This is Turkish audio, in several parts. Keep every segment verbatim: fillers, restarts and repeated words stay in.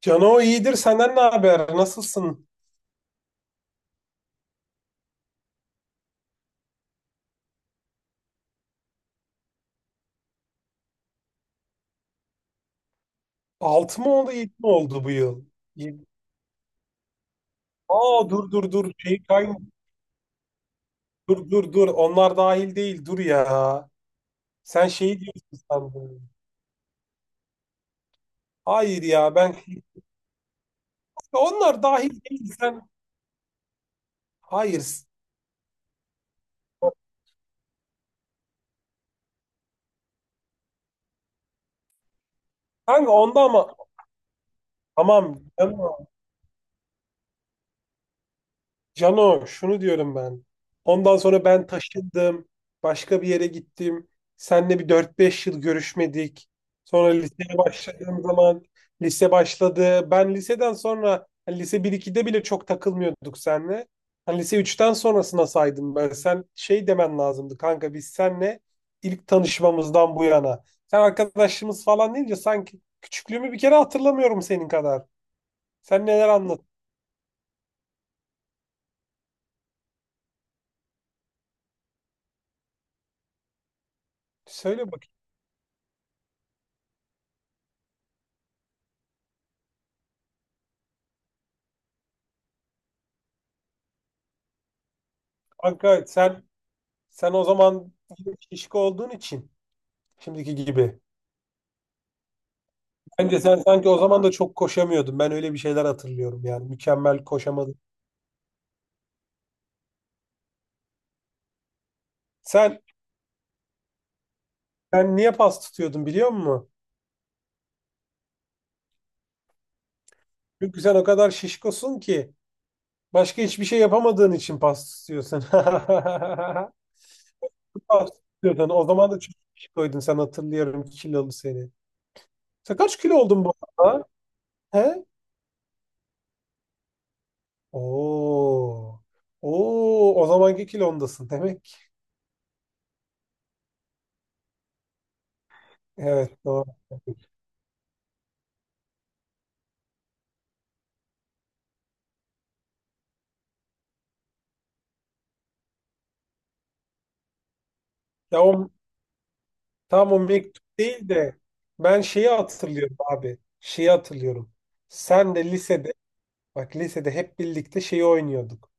Cano iyidir. Senden ne haber? Nasılsın? altı mı oldu, yedi mi oldu bu yıl? Yedi- Aa, dur dur dur. Şey kayın. Dur dur dur. Onlar dahil değil. Dur ya. Sen şeyi diyorsun sandım. Hayır ya ben onlar dahil değil. Sen hayır. Kanka onda ama tamam. Cano. Cano şunu diyorum ben. Ondan sonra ben taşındım. Başka bir yere gittim. Seninle bir dört beş yıl görüşmedik. Sonra liseye başladığım zaman lise başladı. Ben liseden sonra hani lise bir ikide bile çok takılmıyorduk seninle. Hani lise üç'ten sonrasına saydım ben. Sen şey demen lazımdı kanka biz seninle ilk tanışmamızdan bu yana. Sen arkadaşımız falan deyince sanki küçüklüğümü bir kere hatırlamıyorum senin kadar. Sen neler anlat? Söyle bakayım kanka sen Sen o zaman şişko olduğun için şimdiki gibi. Bence sen sanki o zaman da çok koşamıyordun. Ben öyle bir şeyler hatırlıyorum yani. Mükemmel koşamadın. Sen sen niye pas tutuyordun biliyor musun? Çünkü sen o kadar şişkosun ki başka hiçbir şey yapamadığın için pas tutuyorsun. Pas tutuyordun. O zaman da çok şişkoydun. Sen hatırlıyorum kilolu seni. Sen kaç kilo oldun bu arada? He? Oo. Oo, o zamanki kilondasın demek. Evet doğru. Ya o Tam o mektup değil de ben şeyi hatırlıyorum abi. Şeyi hatırlıyorum. Sen de lisede, bak, lisede hep birlikte şeyi oynuyorduk.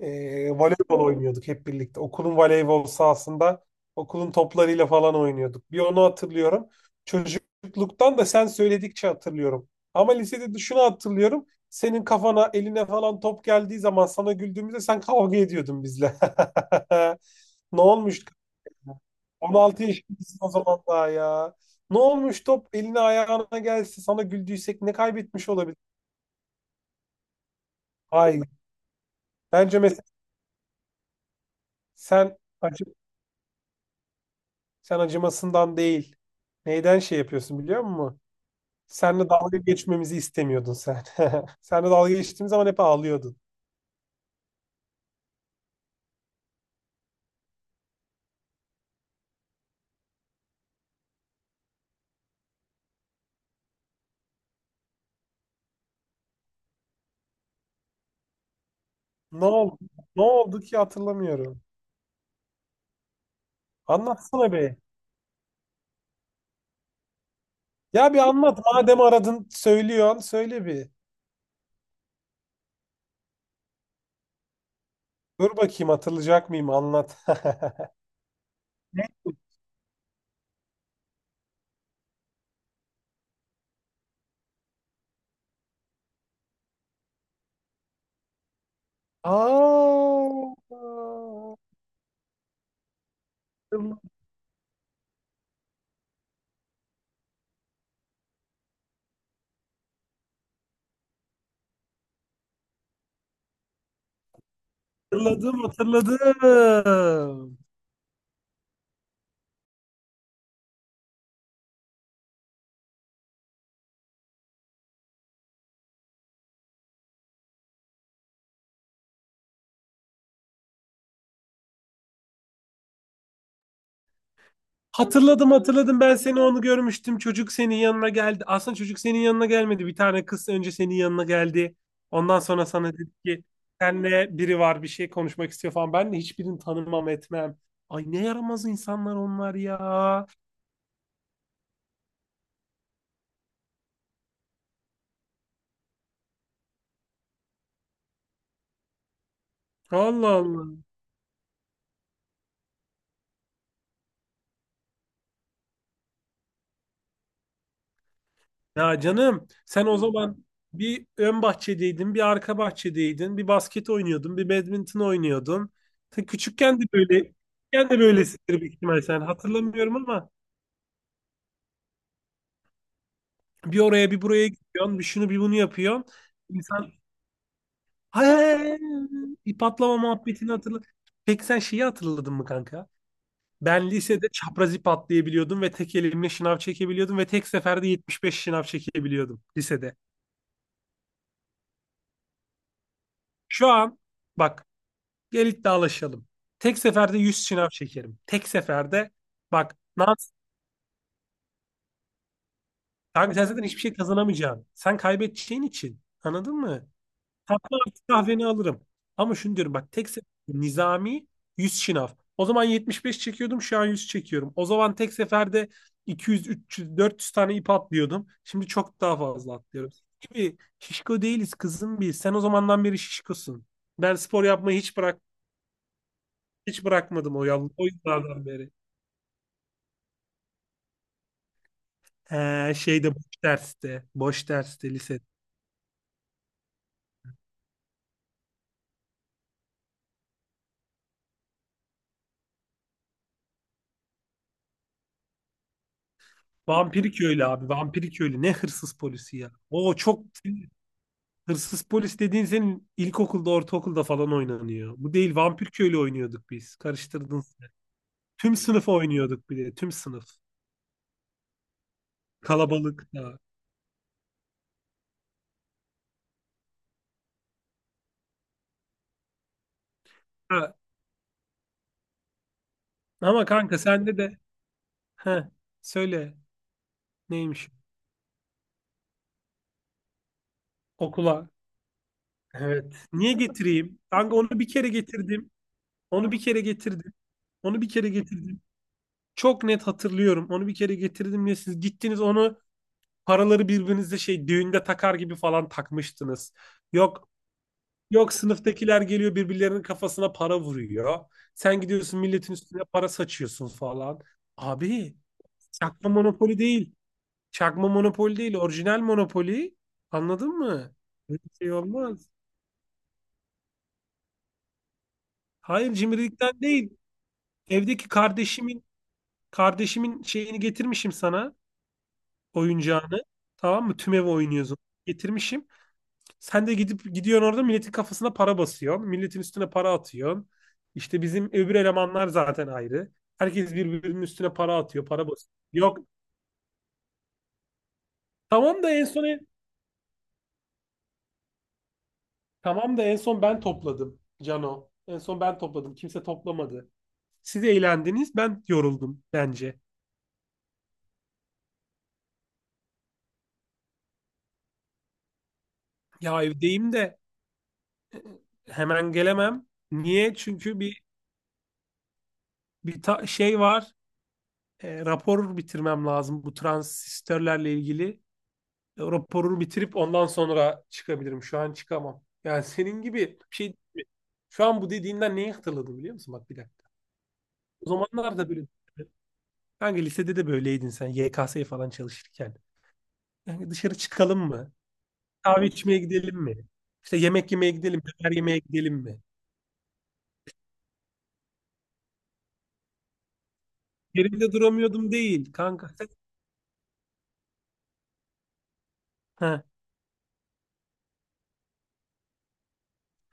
Ee, voleybol oynuyorduk hep birlikte. Okulun voleybol sahasında okulun toplarıyla falan oynuyorduk. Bir onu hatırlıyorum. Çocukluktan da sen söyledikçe hatırlıyorum. Ama lisede de şunu hatırlıyorum. Senin kafana eline falan top geldiği zaman sana güldüğümüzde sen kavga ediyordun bizle. Ne olmuş? on altı yaşındasın o zaman daha ya. Ne olmuş top eline ayağına gelse sana güldüysek ne kaybetmiş olabilir? Hayır. Bence mesela sen acı, sen acımasından değil. Neyden şey yapıyorsun biliyor musun? Seninle dalga geçmemizi istemiyordun sen. Seninle dalga geçtiğim zaman hep ağlıyordun. Ne oldu? Ne oldu ki hatırlamıyorum. Anlatsana be. Ya bir anlat. Madem aradın söylüyorsun söyle bir. Dur bakayım hatırlayacak mıyım anlat. Ne? Aa, hatırladım, hatırladım. Hatırladım, hatırladım. Ben seni onu görmüştüm. Çocuk senin yanına geldi. Aslında çocuk senin yanına gelmedi. Bir tane kız önce senin yanına geldi. Ondan sonra sana dedi ki senle biri var bir şey konuşmak istiyor falan. Ben de hiçbirini tanımam etmem. Ay ne yaramaz insanlar onlar ya. Allah Allah. Ya canım sen o zaman bir ön bahçedeydin, bir arka bahçedeydin, bir basket oynuyordun, bir badminton oynuyordun. Ta küçükken de böyle, küçükken de böylesidir büyük ihtimal sen. Hatırlamıyorum ama bir oraya bir buraya gidiyorsun, bir şunu bir bunu yapıyorsun. İnsan Hey, ip atlama muhabbetini hatırla. Peki sen şeyi hatırladın mı kanka? Ben lisede çapraz ip atlayabiliyordum ve tek elimle şınav çekebiliyordum ve tek seferde yetmiş beş şınav çekebiliyordum lisede. Şu an, bak, gel iddialaşalım. Tek seferde yüz şınav çekerim. Tek seferde bak Naz, kanka sen zaten hiçbir şey kazanamayacaksın. Sen kaybedeceğin için. Anladın mı? Tatlı artık kahveni alırım. Ama şunu diyorum bak tek seferde nizami yüz şınav. O zaman yetmiş beş çekiyordum şu an yüz çekiyorum. O zaman tek seferde iki yüz, üç yüz, dört yüz tane ip atlıyordum. Şimdi çok daha fazla atlıyorum. Gibi şişko değiliz kızım biz. Sen o zamandan beri şişkosun. Ben spor yapmayı hiç bırak hiç bırakmadım o yıl o yıllardan beri. He, şeyde boş derste. Boş derste lisede. Vampiri köylü abi. Vampiri köylü. Ne hırsız polisi ya. O çok Hırsız polis dediğin senin ilkokulda, ortaokulda falan oynanıyor. Bu değil vampir köylü oynuyorduk biz. Karıştırdın. Tüm sınıf oynuyorduk bir de. Tüm sınıf. Kalabalık da. Ha, ama kanka sende de. Heh, söyle neymiş okula. Evet. Niye getireyim? Kanka onu bir kere getirdim. Onu bir kere getirdim. Onu bir kere getirdim. Çok net hatırlıyorum. Onu bir kere getirdim ya siz gittiniz onu paraları birbirinize şey düğünde takar gibi falan takmıştınız. Yok, yok, sınıftakiler geliyor birbirlerinin kafasına para vuruyor. Sen gidiyorsun milletin üstüne para saçıyorsun falan. Abi çakma monopoli değil. Çakma monopoli değil. Orijinal monopoli. Anladın mı? Böyle bir şey olmaz. Hayır cimrilikten değil. Evdeki kardeşimin kardeşimin şeyini getirmişim sana. Oyuncağını, tamam mı? Tüm ev oynuyorsun. Getirmişim. Sen de gidip gidiyorsun orada milletin kafasına para basıyorsun. Milletin üstüne para atıyorsun. İşte bizim öbür elemanlar zaten ayrı. Herkes birbirinin üstüne para atıyor, para basıyor. Yok. Tamam da en son tamam da en son ben topladım, Cano. En son ben topladım. Kimse toplamadı. Siz eğlendiniz, ben yoruldum bence. Ya evdeyim de hemen gelemem. Niye? Çünkü bir bir ta- şey var. E, rapor bitirmem lazım bu transistörlerle ilgili. E, raporu bitirip ondan sonra çıkabilirim. Şu an çıkamam. Yani senin gibi bir şey değil mi? Şu an bu dediğinden neyi hatırladım biliyor musun? Bak, bir dakika. O zamanlar da böyle Kanka lisede de böyleydin sen Y K S'ye falan çalışırken. Yani dışarı çıkalım mı? Kahve içmeye gidelim mi? İşte yemek yemeye gidelim mi? Döner yemeye gidelim mi? Yerimde duramıyordum değil kanka. Ha,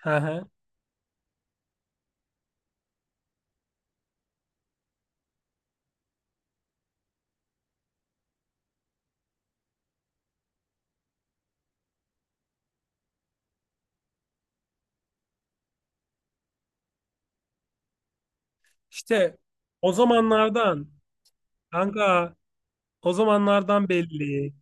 ha, ha. İşte o zamanlardan, kanka. O zamanlardan belli.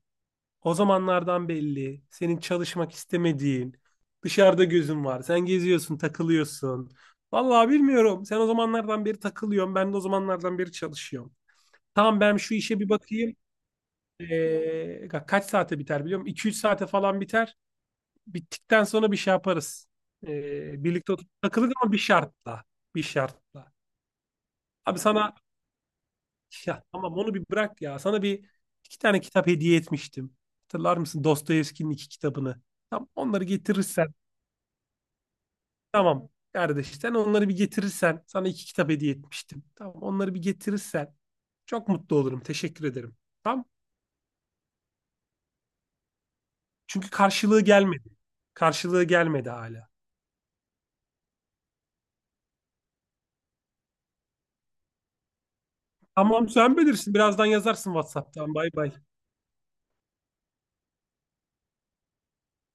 O zamanlardan belli. Senin çalışmak istemediğin, dışarıda gözün var. Sen geziyorsun, takılıyorsun. Vallahi bilmiyorum. Sen o zamanlardan beri takılıyorsun. Ben de o zamanlardan beri çalışıyorum. Tamam ben şu işe bir bakayım. Ee, ka- Kaç saate biter biliyor musun? iki üç saate falan biter. Bittikten sonra bir şey yaparız. Ee, birlikte oturup takılırız ama bir şartla. Bir şartla. Abi sana Ya, tamam, onu bir bırak ya. Sana bir iki tane kitap hediye etmiştim. Hatırlar mısın Dostoyevski'nin iki kitabını? Tam onları getirirsen tamam kardeş sen onları bir getirirsen sana iki kitap hediye etmiştim. Tamam onları bir getirirsen çok mutlu olurum. Teşekkür ederim. Tamam. Çünkü karşılığı gelmedi. Karşılığı gelmedi hala. Tamam sen bilirsin. Birazdan yazarsın WhatsApp'tan. Bay bay.